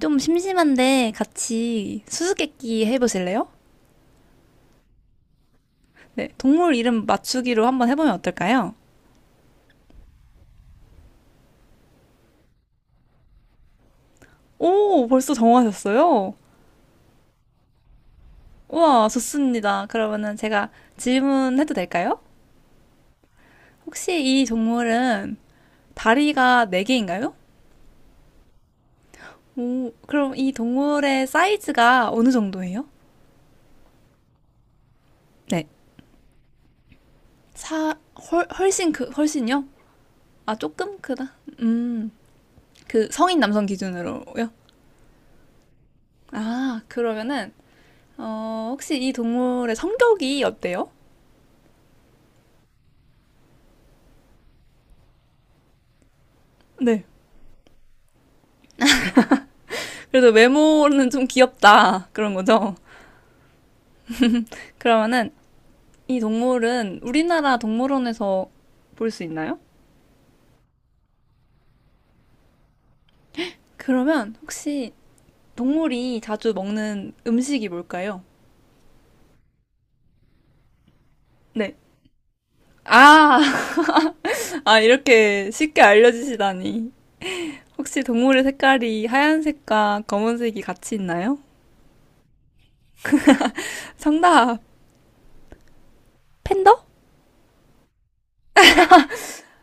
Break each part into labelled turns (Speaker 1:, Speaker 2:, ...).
Speaker 1: 좀 심심한데 같이 수수께끼 해보실래요? 네, 동물 이름 맞추기로 한번 해보면 어떨까요? 오, 벌써 정하셨어요? 우와, 좋습니다. 그러면은 제가 질문해도 될까요? 혹시 이 동물은 다리가 네개인가요? 오, 그럼 이 동물의 사이즈가 어느 정도예요? 네, 사, 훨씬 훨씬요? 아, 조금 크다. 음, 그 성인 남성 기준으로요? 아, 그러면은 혹시 이 동물의 성격이 어때요? 네. 그래도 외모는 좀 귀엽다. 그런 거죠? 그러면은 이 동물은 우리나라 동물원에서 볼 수 있나요? 그러면 혹시 동물이 자주 먹는 음식이 뭘까요? 네. 아, 아, 이렇게 쉽게 알려주시다니. 혹시 동물의 색깔이 하얀색과 검은색이 같이 있나요? 정답! 팬더?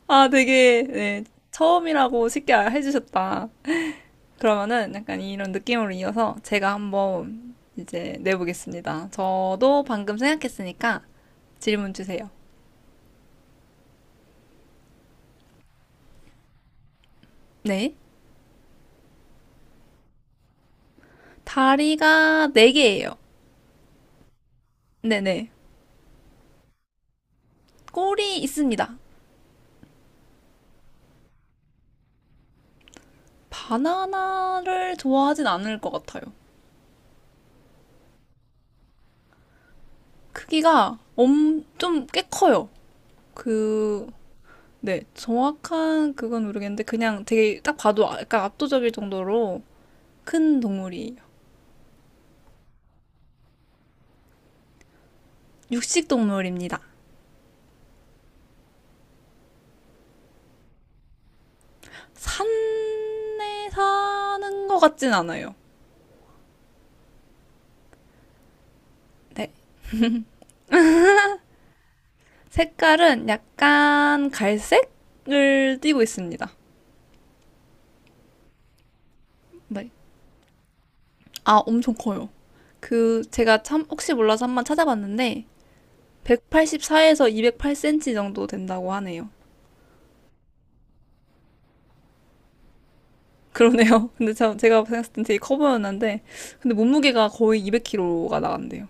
Speaker 1: 아, 되게, 네, 처음이라고 쉽게 해주셨다. 그러면은 약간 이런 느낌으로 이어서 제가 한번 이제 내보겠습니다. 저도 방금 생각했으니까 질문 주세요. 네. 다리가 네개예요. 네네. 꼬리 있습니다. 바나나를 좋아하진 않을 것 같아요. 크기가 좀 꽤 커요. 그, 네. 정확한 그건 모르겠는데 그냥 되게 딱 봐도 약간 압도적일 정도로 큰 동물이에요. 육식 동물입니다. 산에 사는 것 같진 않아요. 네. 색깔은 약간 갈색을 띠고 있습니다. 네. 아, 엄청 커요. 그, 제가 참, 혹시 몰라서 한번 찾아봤는데, 184에서 208cm 정도 된다고 하네요. 그러네요. 근데 참 제가 생각했을 땐 되게 커 보였는데, 근데 몸무게가 거의 200kg가 나간대요.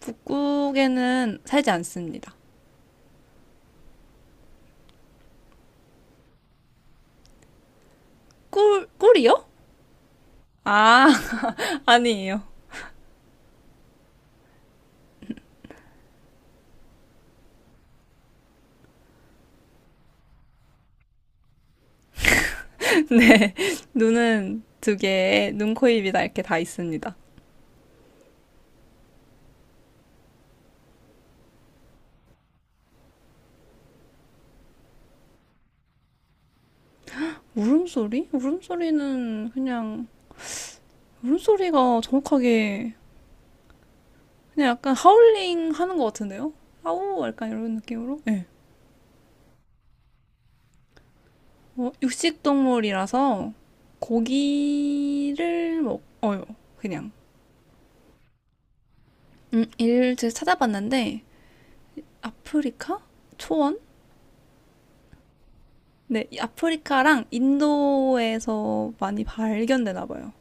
Speaker 1: 북극에는 살지 않습니다. 꿀이요? 아, 아니에요. 네, 눈은 두 개에 눈, 코, 입이 다 이렇게 다 있습니다. 울음소리? 울음소리는 그냥 울음소리가 정확하게 그냥 약간 하울링 하는 것 같은데요? 하우 약간 이런 느낌으로? 네. 뭐 육식 동물이라서 고기를 먹어요. 그냥. 일제 찾아봤는데 아프리카? 초원? 네, 이 아프리카랑 인도에서 많이 발견되나 봐요.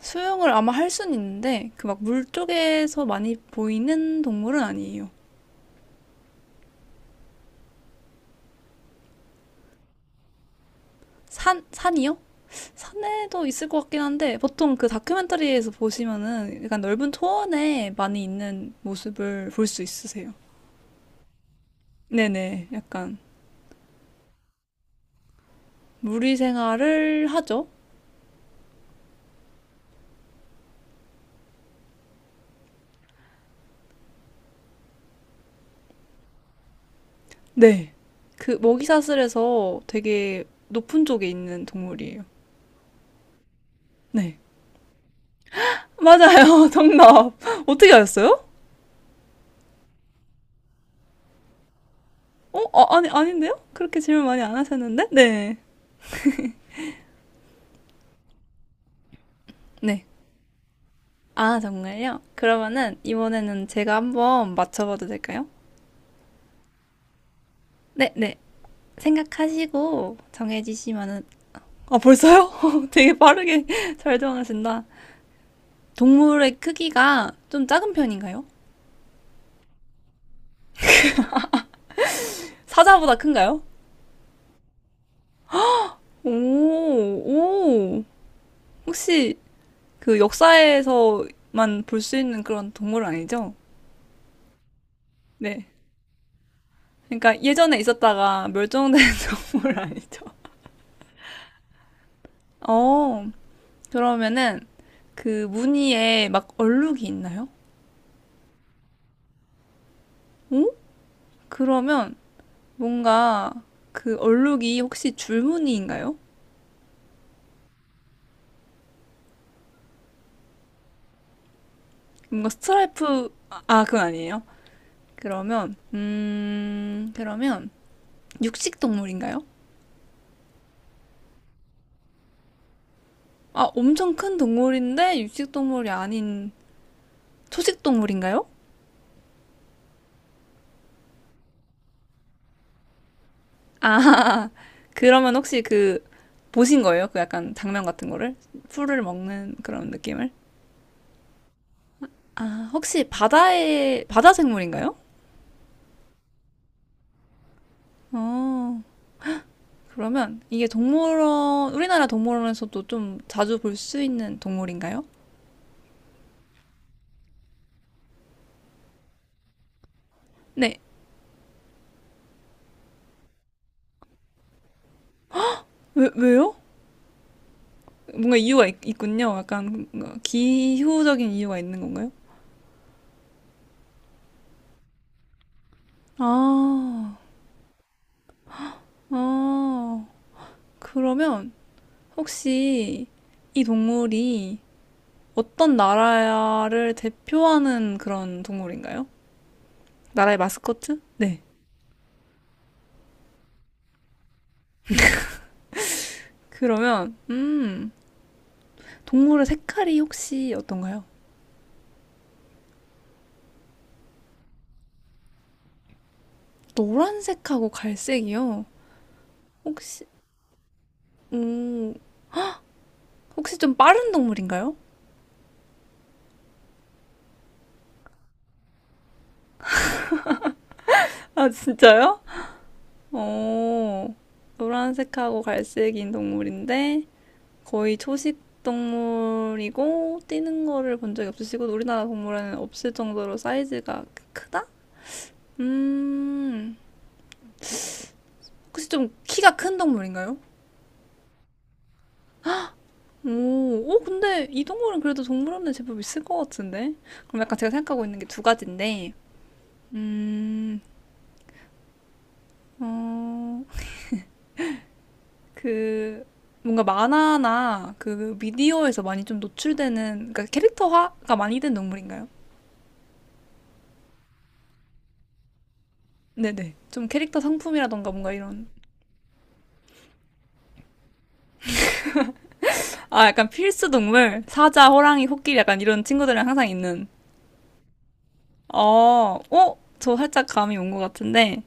Speaker 1: 수영을 아마 할 순 있는데 그 막 물 쪽에서 많이 보이는 동물은 아니에요. 산 산이요? 산에도 있을 것 같긴 한데 보통 그 다큐멘터리에서 보시면은 약간 넓은 초원에 많이 있는 모습을 볼 수 있으세요. 네네, 약간 무리 생활을 하죠. 네, 그 먹이사슬에서 되게 높은 쪽에 있는 동물이에요. 네, 맞아요, 정답. 어떻게 아셨어요? 아, 아니 아닌데요? 그렇게 질문 많이 안 하셨는데? 네, 네. 아, 정말요? 그러면은 이번에는 제가 한번 맞춰봐도 될까요? 네, 네. 생각하시고 정해지시면은 아, 벌써요? 되게 빠르게 잘 정하신다. 동물의 크기가 좀 작은 편인가요? 사자보다 큰가요? 오, 오. 혹시 그 역사에서만 볼 수 있는 그런 동물 아니죠? 네. 그러니까 예전에 있었다가 멸종된 동물 아니죠? 어, 그러면은 그 무늬에 막 얼룩이 있나요? 오? 그러면 뭔가 그 얼룩이 혹시 줄무늬인가요? 뭔가 스트라이프 그건 아니에요. 그러면 육식 동물인가요? 아 엄청 큰 동물인데 육식 동물이 아닌 초식 동물인가요? 아 그러면 혹시 그 보신 거예요? 그 약간 장면 같은 거를 풀을 먹는 그런 느낌을? 아 혹시 바다 생물인가요? 어, 그러면 이게 우리나라 동물원에서도 좀 자주 볼 수 있는 동물인가요? 네. 왜요? 뭔가 이유가 있군요. 약간 뭔가 기후적인 이유가 있는 건가요? 아, 아, 그러면 혹시 이 동물이 어떤 나라를 대표하는 그런 동물인가요? 나라의 마스코트? 네. 그러면, 동물의 색깔이 혹시 어떤가요? 노란색하고 갈색이요. 혹시, 음, 혹시 좀 빠른 동물인가요? 아, 진짜요? 어, 노란색하고 갈색인 동물인데 거의 초식 동물이고 뛰는 거를 본 적이 없으시고 우리나라 동물원에는 없을 정도로 사이즈가 크다? 음, 혹시 좀 키가 큰 동물인가요? 오, 오, 근데 이 동물은 그래도 동물원에 제법 있을 것 같은데? 그럼 약간 제가 생각하고 있는 게 두 가지인데, 음, 어, 그 뭔가 만화나 그 미디어에서 많이 좀 노출되는 그러니까 캐릭터화가 많이 된 동물인가요? 네네. 좀 캐릭터 상품이라던가 뭔가 이런 아 약간 필수 동물 사자, 호랑이, 코끼리 약간 이런 친구들이랑 항상 있는 어, 어? 저 살짝 감이 온 것 같은데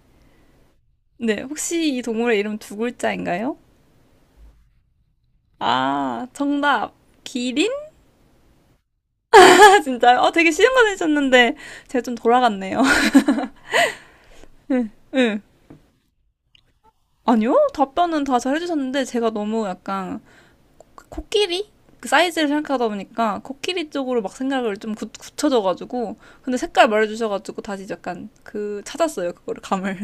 Speaker 1: 네 혹시 이 동물의 이름 두 글자인가요? 아 정답 기린? 아 진짜요? 되게 쉬운 거 내셨는데 제가 좀 돌아갔네요. 응. 응. 아니요 답변은 다 잘 해주셨는데 제가 너무 약간 코끼리? 그 사이즈를 생각하다 보니까 코끼리 쪽으로 막 생각을 좀 굳혀져가지고 근데 색깔 말해주셔가지고 다시 약간 그 찾았어요 그거를 감을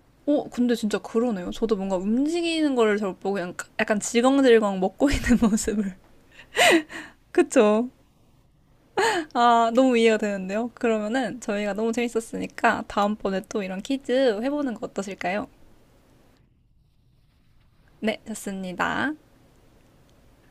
Speaker 1: 근데 진짜 그러네요 저도 뭔가 움직이는 거를 잘 못 보고 그냥 약간 질겅질겅 먹고 있는 모습을 그쵸 아 너무 이해가 되는데요 그러면은 저희가 너무 재밌었으니까 다음번에 또 이런 퀴즈 해보는 거 어떠실까요? 네 좋습니다